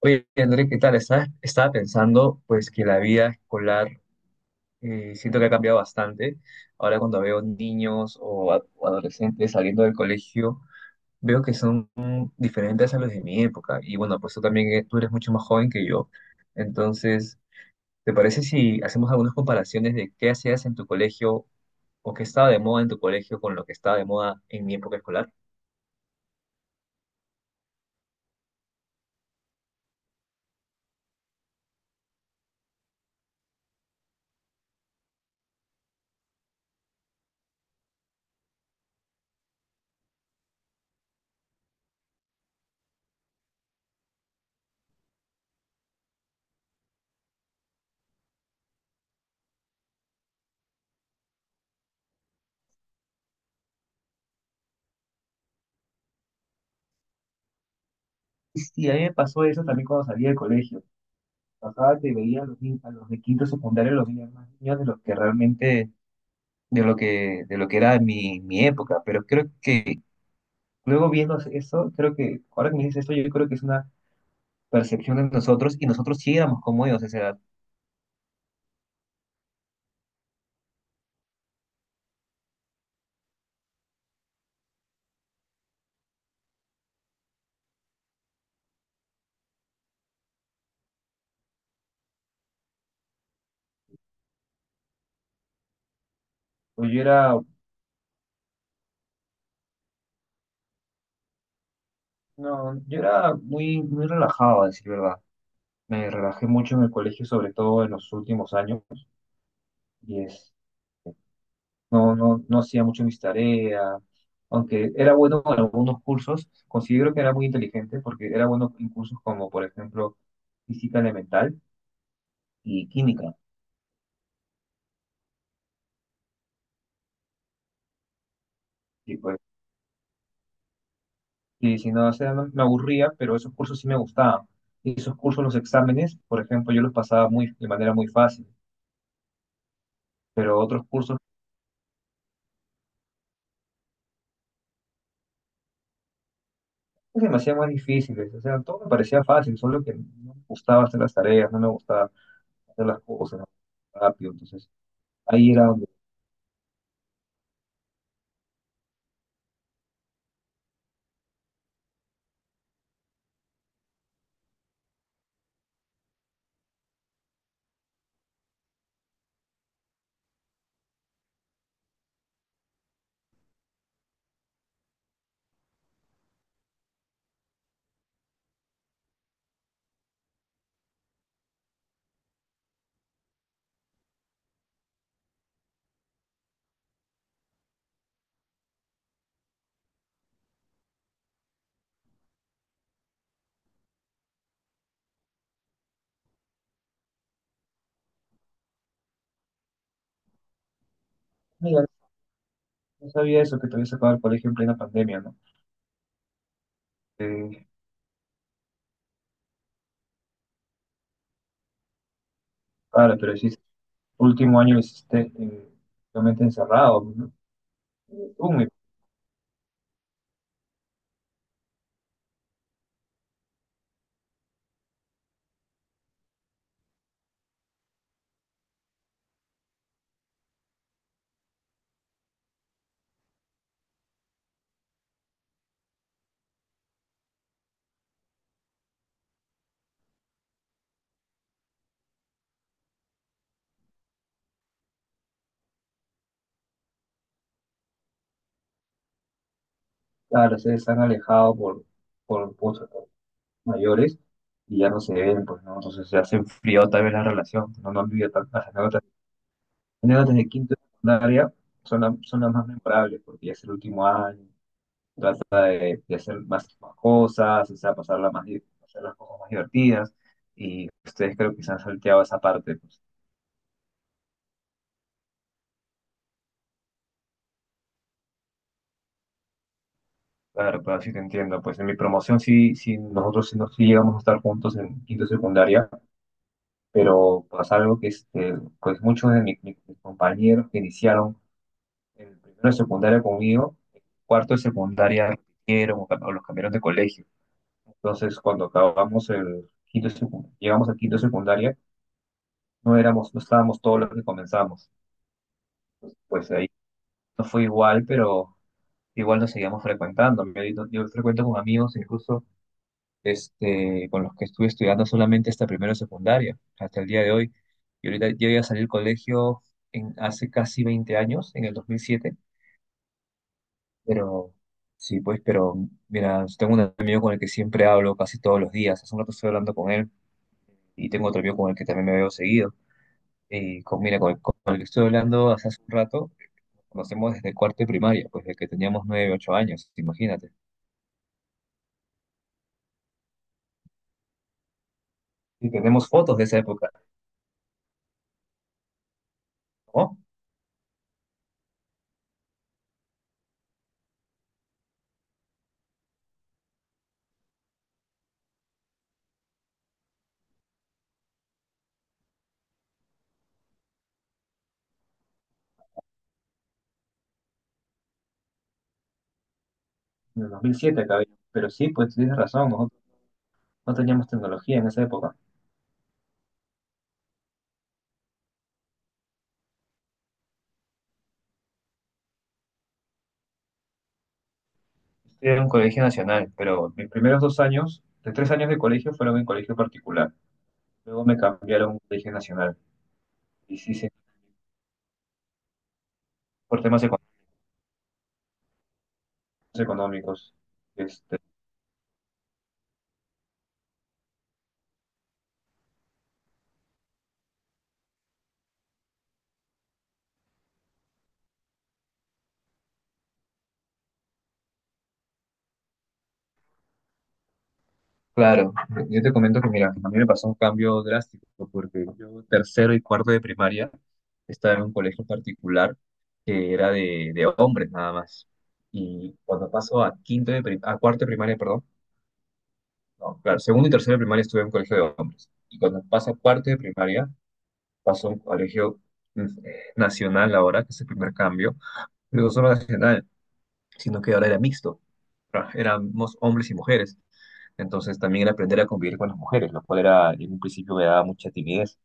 Oye, André, ¿qué tal? Estaba pensando pues que la vida escolar siento que ha cambiado bastante. Ahora cuando veo niños o adolescentes saliendo del colegio, veo que son diferentes a los de mi época. Y bueno, pues tú también tú eres mucho más joven que yo. Entonces, ¿te parece si hacemos algunas comparaciones de qué hacías en tu colegio o qué estaba de moda en tu colegio con lo que estaba de moda en mi época escolar? Sí, a mí me pasó eso también cuando salí del colegio. Pasaba que veía a los, ni- a los de quinto secundario los veía más niños de los que realmente, de lo que era mi, mi época, pero creo que luego viendo eso, creo que, ahora que me dices eso, yo creo que es una percepción de nosotros y nosotros sí éramos como ellos a esa edad. Pues yo era, no, yo era muy, muy relajado, a decir verdad. Me relajé mucho en el colegio, sobre todo en los últimos años, y, no hacía mucho mis tareas, aunque era bueno en algunos cursos, considero que era muy inteligente porque era bueno en cursos como, por ejemplo, física elemental y química. Y pues, y si no, o sea, me aburría, pero esos cursos sí me gustaban. Y esos cursos, los exámenes, por ejemplo, yo los pasaba muy, de manera muy fácil, pero otros cursos pues, se me hacían más difíciles, o sea, todo me parecía fácil, solo que no me gustaba hacer las tareas, no me gustaba hacer las cosas rápido, entonces ahí era donde... No sabía eso, que te habías sacado del colegio en plena pandemia, ¿no? Eh, claro, pero hiciste, último año lo hiciste realmente encerrado, ¿no? Eh, Tú, mi- claro, ustedes han alejado por mayores y ya no se ven, pues, ¿no? Entonces ya se enfrió tal vez la relación, no, no han vivido tantas anécdotas. Las anécdotas de quinto y secundaria son, son las más memorables, porque ya es el último año, trata de hacer más, cosas, o sea, pasarla más, hacer las cosas más divertidas, y ustedes creo que se han salteado esa parte, pues. Claro, pero sí te entiendo, pues en mi promoción sí, sí nosotros sí, sí llegamos a estar juntos en quinto de secundaria, pero pasa algo que este, pues muchos de mis compañeros que iniciaron en primero de secundaria conmigo, en cuarto de secundaria repitieron o los cambiaron de colegio. Entonces, cuando acabamos el quinto, llegamos al quinto de secundaria, no éramos, no estábamos todos los que comenzamos. Pues ahí no fue igual, pero igual nos seguíamos frecuentando. Yo, yo frecuento con amigos, incluso este, con los que estuve estudiando solamente hasta primero de secundaria, hasta el día de hoy. Y ahorita yo ya salí del colegio en, hace casi 20 años, en el 2007, pero sí, pues, pero mira, tengo un amigo con el que siempre hablo casi todos los días. Hace un rato estoy hablando con él y tengo otro amigo con el que también me veo seguido. Y con, mira, con el que estoy hablando hace un rato. Conocemos desde cuarto y primaria, pues desde que teníamos nueve, ocho años, imagínate. Y tenemos fotos de esa época, ¿no? En el 2007 acabé. Pero sí, pues tienes razón, nosotros no teníamos tecnología en esa época. Estudié en un colegio nacional, pero mis primeros dos años, de tres años de colegio, fueron en colegio particular. Luego me cambiaron a un colegio nacional. Y sí, sí, por temas económicos. Económicos. Este, claro, yo te comento que mira, a mí me pasó un cambio drástico porque yo tercero y cuarto de primaria estaba en un colegio particular que era de hombres nada más. Y cuando paso a a cuarto de primaria, perdón, no, claro, segundo y tercero de primaria estuve en un colegio de hombres. Y cuando paso a cuarto de primaria, paso a un colegio nacional ahora, que es el primer cambio, pero no solo nacional, sino que ahora era mixto, éramos hombres y mujeres. Entonces también aprender a convivir con las mujeres, lo cual era, en un principio me daba mucha timidez.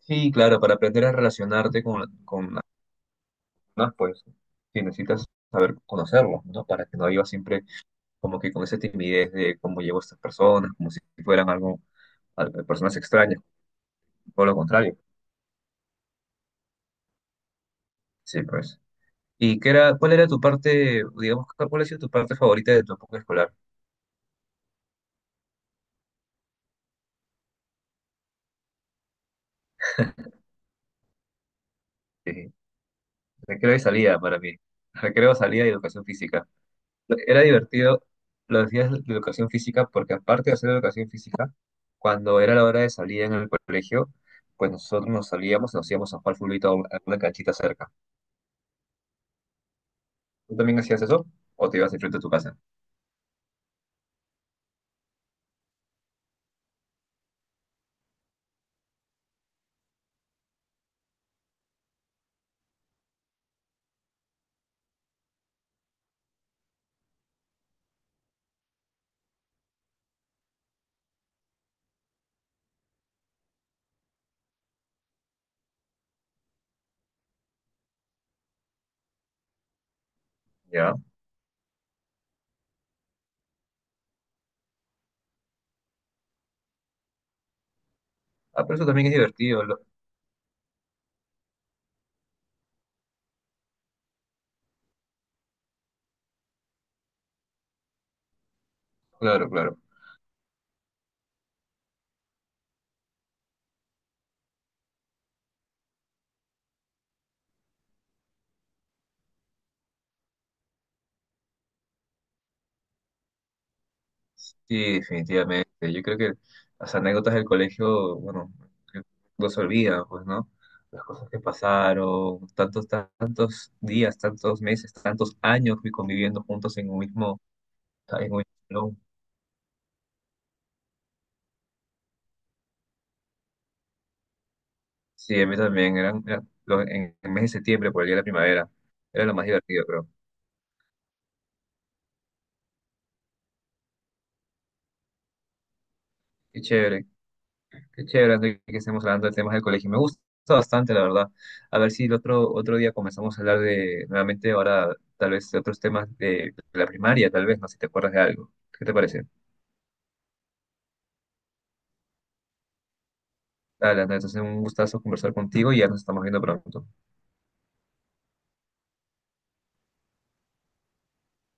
Sí, claro, para aprender a relacionarte con las personas, pues sí, necesitas saber conocerlas, ¿no? Para que no vivas siempre como que con esa timidez de cómo llevo a estas personas, como si fueran algo, personas extrañas, todo lo contrario. Sí, pues. ¿Y qué era, cuál era tu parte, digamos, cuál ha sido tu parte favorita de tu época escolar? Sí, recreo y salida para mí. Recreo, salida y educación física. Era divertido los días de educación física porque aparte de hacer educación física, cuando era la hora de salir en el colegio, pues nosotros nos salíamos y nos íbamos a jugar fulbito a a una canchita cerca. ¿Tú también hacías eso? ¿O te ibas enfrente de tu casa? Ya. Ah, pero eso también es divertido. Claro, claro. Sí, definitivamente. Yo creo que las anécdotas del colegio, bueno, que no se olvidan, pues, ¿no? Las cosas que pasaron, tantos, tantos días, tantos meses, tantos años que conviviendo juntos en un mismo Ay, muy chulo. Sí, a mí también. Eran, en el mes de septiembre, por el día de la primavera. Era lo más divertido, creo. Qué chévere. Qué chévere, André, que estemos hablando de temas del colegio. Me gusta bastante, la verdad. A ver si el otro, otro día comenzamos a hablar de, nuevamente, ahora, tal vez de otros temas de, la primaria, tal vez, no sé si te acuerdas de algo. ¿Qué te parece? Dale, André, entonces un gustazo conversar contigo y ya nos estamos viendo pronto.